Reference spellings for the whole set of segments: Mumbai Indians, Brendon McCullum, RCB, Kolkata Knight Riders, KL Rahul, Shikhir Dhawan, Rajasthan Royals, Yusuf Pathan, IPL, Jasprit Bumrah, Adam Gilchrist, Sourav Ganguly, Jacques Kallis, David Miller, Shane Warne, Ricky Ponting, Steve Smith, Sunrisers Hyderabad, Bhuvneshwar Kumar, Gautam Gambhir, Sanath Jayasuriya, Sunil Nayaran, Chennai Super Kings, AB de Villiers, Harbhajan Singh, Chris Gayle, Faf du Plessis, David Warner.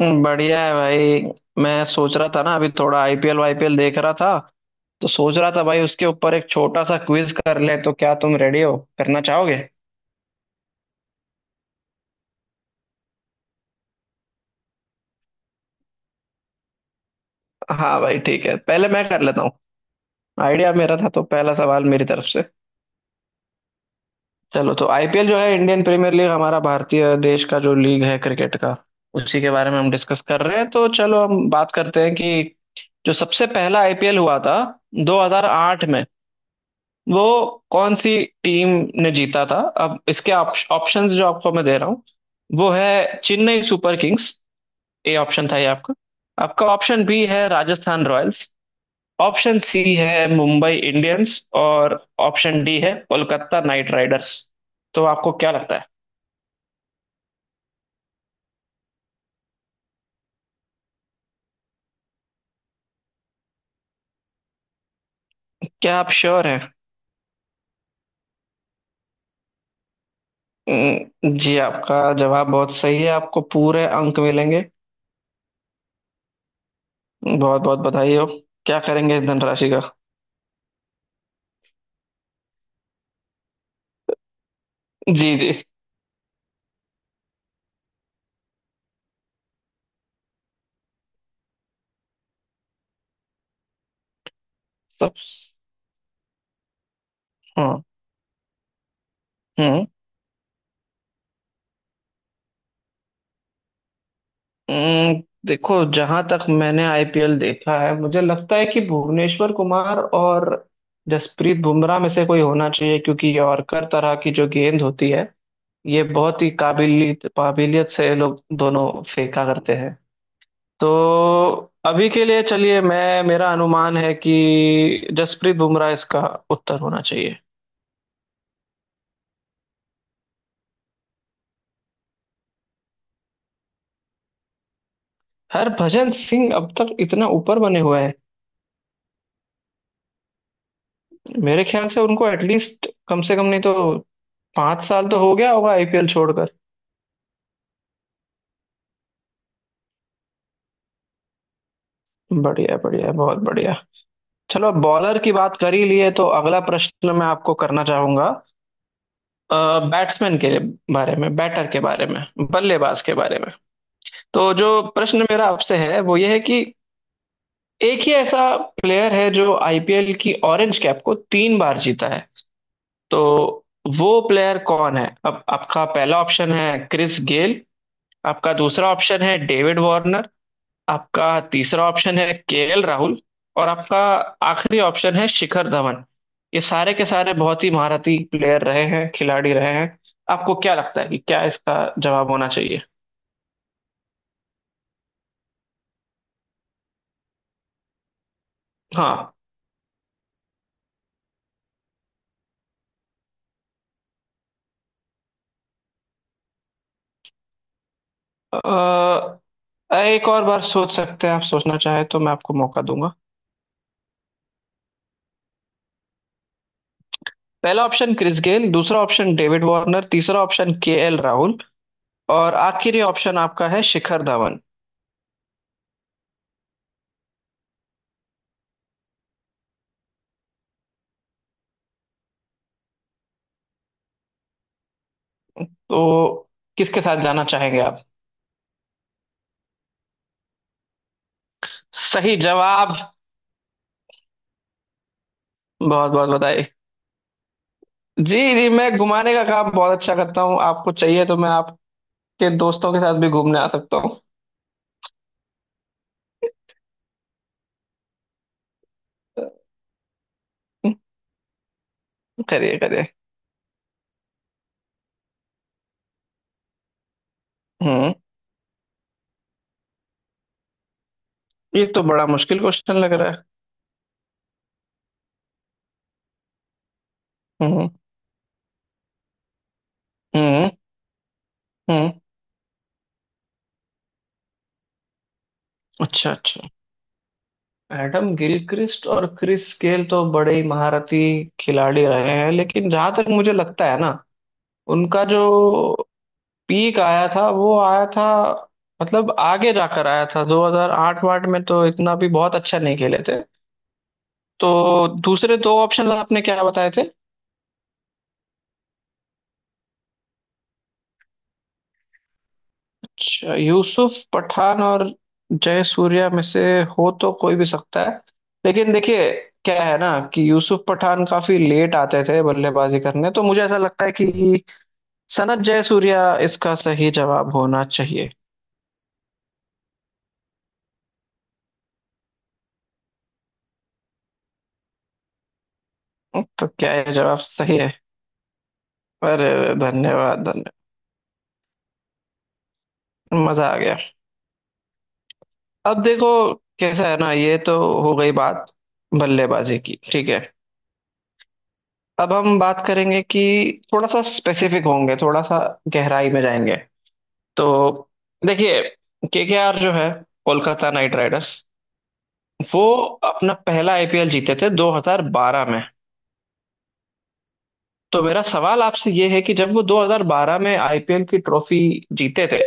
बढ़िया है भाई। मैं सोच रहा था ना, अभी थोड़ा आईपीएल वाईपीएल देख रहा था। तो सोच रहा था भाई, उसके ऊपर एक छोटा सा क्विज कर ले, तो क्या तुम रेडी हो, करना चाहोगे? हाँ भाई ठीक है, पहले मैं कर लेता हूँ। आइडिया मेरा था तो पहला सवाल मेरी तरफ से। चलो, तो आईपीएल जो है इंडियन प्रीमियर लीग, हमारा भारतीय देश का जो लीग है क्रिकेट का, उसी के बारे में हम डिस्कस कर रहे हैं। तो चलो, हम बात करते हैं कि जो सबसे पहला आईपीएल हुआ था 2008 में, वो कौन सी टीम ने जीता था। अब इसके ऑप्शंस जो आपको मैं दे रहा हूँ वो है Chennai Super Kings, A option था ये आपका। आपका ऑप्शन बी है राजस्थान रॉयल्स, ऑप्शन सी है मुंबई इंडियंस, और ऑप्शन डी है कोलकाता नाइट राइडर्स। तो आपको क्या लगता है? क्या आप श्योर हैं? जी आपका जवाब बहुत सही है, आपको पूरे अंक मिलेंगे। बहुत बहुत बधाई हो। क्या करेंगे इस धनराशि का? जी जी। सब। हाँ। हम्म। देखो, जहां तक मैंने आईपीएल देखा है, मुझे लगता है कि भुवनेश्वर कुमार और जसप्रीत बुमराह में से कोई होना चाहिए, क्योंकि यॉर्कर तरह की जो गेंद होती है, ये बहुत ही काबिलियत काबिलियत से ये लोग दोनों फेंका करते हैं। तो अभी के लिए चलिए, मैं मेरा अनुमान है कि जसप्रीत बुमराह इसका उत्तर होना चाहिए। हरभजन सिंह अब तक इतना ऊपर बने हुए हैं? मेरे ख्याल से उनको एटलीस्ट, कम से कम नहीं तो 5 साल तो हो गया होगा आईपीएल छोड़कर। बढ़िया बढ़िया, बहुत बढ़िया। चलो बॉलर की बात कर ही लिए तो अगला प्रश्न मैं आपको करना चाहूंगा, बैट्समैन के बारे में, बैटर के बारे में, बल्लेबाज के बारे में। तो जो प्रश्न मेरा आपसे है वो ये है कि एक ही ऐसा प्लेयर है जो आईपीएल की ऑरेंज कैप को 3 बार जीता है। तो वो प्लेयर कौन है? अब आपका पहला ऑप्शन है क्रिस गेल, आपका दूसरा ऑप्शन है डेविड वार्नर, आपका तीसरा ऑप्शन है केएल राहुल, और आपका आखिरी ऑप्शन है शिखर धवन। ये सारे के सारे बहुत ही महारथी प्लेयर रहे हैं, खिलाड़ी रहे हैं। आपको क्या लगता है कि क्या इसका जवाब होना चाहिए? हाँ। अ, एक और बार सोच सकते हैं आप, सोचना चाहे तो मैं आपको मौका दूंगा। पहला ऑप्शन क्रिस गेल, दूसरा ऑप्शन डेविड वार्नर, तीसरा ऑप्शन केएल राहुल, और आखिरी ऑप्शन आपका है शिखर धवन। तो किसके साथ जाना चाहेंगे आप? सही जवाब। बहुत बहुत बधाई। जी जी, मैं घुमाने का काम बहुत अच्छा करता हूँ, आपको चाहिए तो मैं आपके दोस्तों के साथ भी घूमने आ सकता हूँ। करिए करिए। हम्म। ये तो बड़ा मुश्किल क्वेश्चन लग रहा है। हम्म। हम्म। हम्म। अच्छा अच्छा। एडम गिलक्रिस्ट और क्रिस गेल तो बड़े ही महारथी खिलाड़ी रहे हैं, लेकिन जहां तक मुझे लगता है ना, उनका जो पीक आया था वो आया था, मतलब आगे जाकर आया था, 2008 वाट में तो इतना भी बहुत अच्छा नहीं खेले थे। तो दूसरे दो ऑप्शन आपने क्या बताए थे? अच्छा, यूसुफ पठान और जय सूर्या में से हो तो कोई भी सकता है, लेकिन देखिए, क्या है ना कि यूसुफ पठान काफी लेट आते थे बल्लेबाजी करने, तो मुझे ऐसा लगता है कि सनत जयसूर्या इसका सही जवाब होना चाहिए। तो क्या ये जवाब सही है? पर धन्यवाद धन्यवाद। मजा आ गया। अब देखो, कैसा है ना, ये तो हो गई बात बल्लेबाजी की, ठीक है। अब हम बात करेंगे कि थोड़ा सा स्पेसिफिक होंगे, थोड़ा सा गहराई में जाएंगे। तो देखिए, केकेआर जो है, कोलकाता नाइट राइडर्स, वो अपना पहला आईपीएल जीते थे 2012 में। तो मेरा सवाल आपसे ये है कि जब वो 2012 में आईपीएल की ट्रॉफी जीते थे,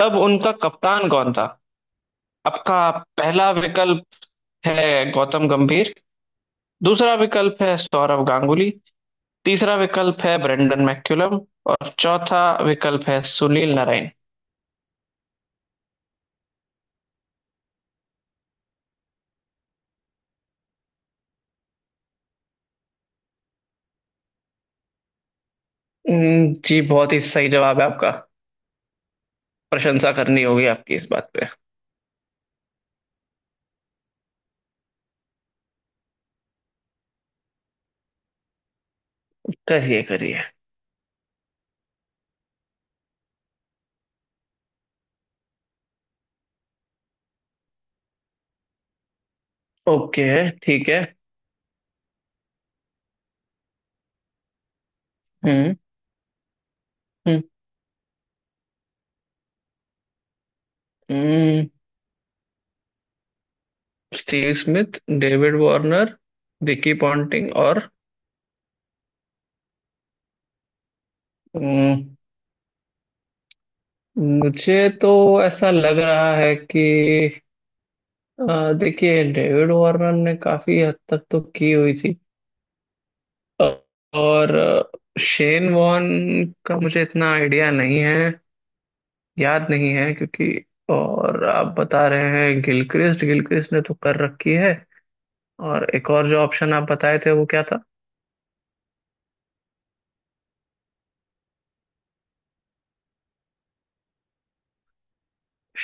तब उनका कप्तान कौन था? आपका पहला विकल्प है गौतम गंभीर, दूसरा विकल्प है सौरव गांगुली, तीसरा विकल्प है ब्रेंडन मैक्यूलम, और चौथा विकल्प है सुनील नारायण। जी बहुत ही सही जवाब है आपका। प्रशंसा करनी होगी आपकी इस बात। करिए करिए। ओके, ठीक है। हम्म। हम्म। हम्म, Steve Smith, David Warner, Ricky Ponting और। हम्म, मुझे तो ऐसा लग रहा है कि देखिए, डेविड वार्नर ने काफी हद तक तो की हुई थी। अ, और शेन वॉन का मुझे इतना आइडिया नहीं है, याद नहीं है, क्योंकि। और आप बता रहे हैं गिलक्रिस्ट, गिलक्रिस्ट ने तो कर रखी है। और एक और जो ऑप्शन आप बताए थे वो क्या था?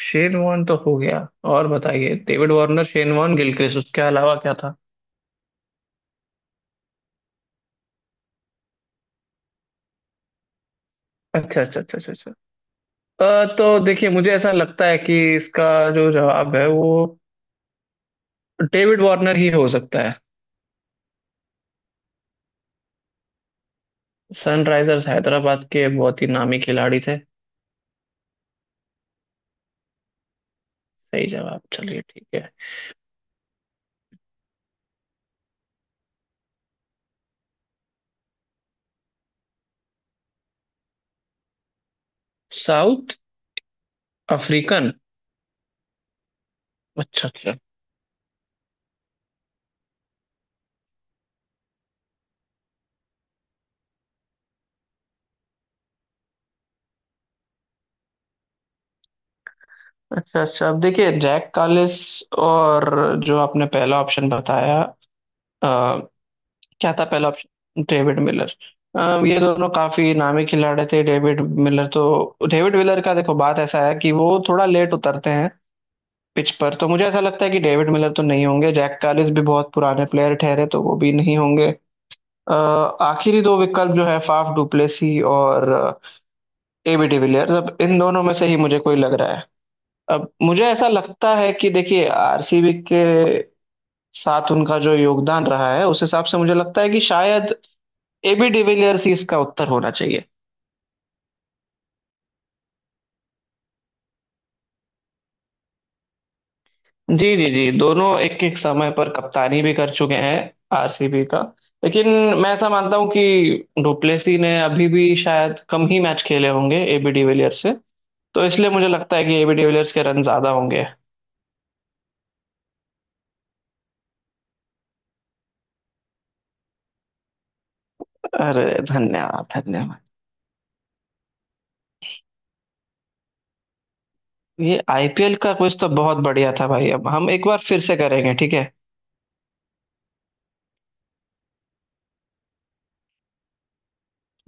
शेन वॉर्न तो हो गया, और बताइए David Warner, Shane Warne, Gilchrist, उसके अलावा क्या था? अच्छा अच्छा अच्छा अच्छा अच्छा। तो देखिए, मुझे ऐसा लगता है कि इसका जो जवाब है वो डेविड वार्नर ही हो सकता है। सनराइजर्स हैदराबाद के बहुत ही नामी खिलाड़ी थे। सही जवाब, चलिए ठीक है। South African. अच्छा अच्छा। अच्छा अच्छा, अब देखिए जैक कालिस और जो आपने पहला ऑप्शन बताया, क्या था पहला ऑप्शन? David Miller. ये दोनों काफी नामी खिलाड़ी थे, डेविड मिलर तो। डेविड मिलर का देखो, बात ऐसा है कि वो थोड़ा लेट उतरते हैं पिच पर, तो मुझे ऐसा लगता है कि डेविड मिलर तो नहीं होंगे, जैक कालिस भी बहुत पुराने प्लेयर ठहरे तो वो भी नहीं होंगे। अ, आखिरी दो विकल्प जो है फाफ डुप्लेसी और एबी डिविलियर्स, अब इन दोनों में से ही मुझे कोई लग रहा है। अब मुझे ऐसा लगता है कि देखिए, आरसीबी के साथ उनका जो योगदान रहा है, उस हिसाब से मुझे लगता है कि शायद एबी डिविलियर्स ही इसका उत्तर होना चाहिए। जी जी जी, दोनों एक एक समय पर कप्तानी भी कर चुके हैं आरसीबी का, लेकिन मैं ऐसा मानता हूं कि डुप्लेसी ने अभी भी शायद कम ही मैच खेले होंगे एबी डिविलियर्स से, तो इसलिए मुझे लगता है कि एबी डिविलियर्स के रन ज्यादा होंगे। अरे, धन्यवाद धन्यवाद। ये आईपीएल का कुछ तो बहुत बढ़िया था भाई, अब हम एक बार फिर से करेंगे, ठीक है।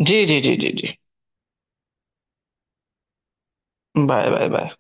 जी जी जी जी जी। Bye bye bye.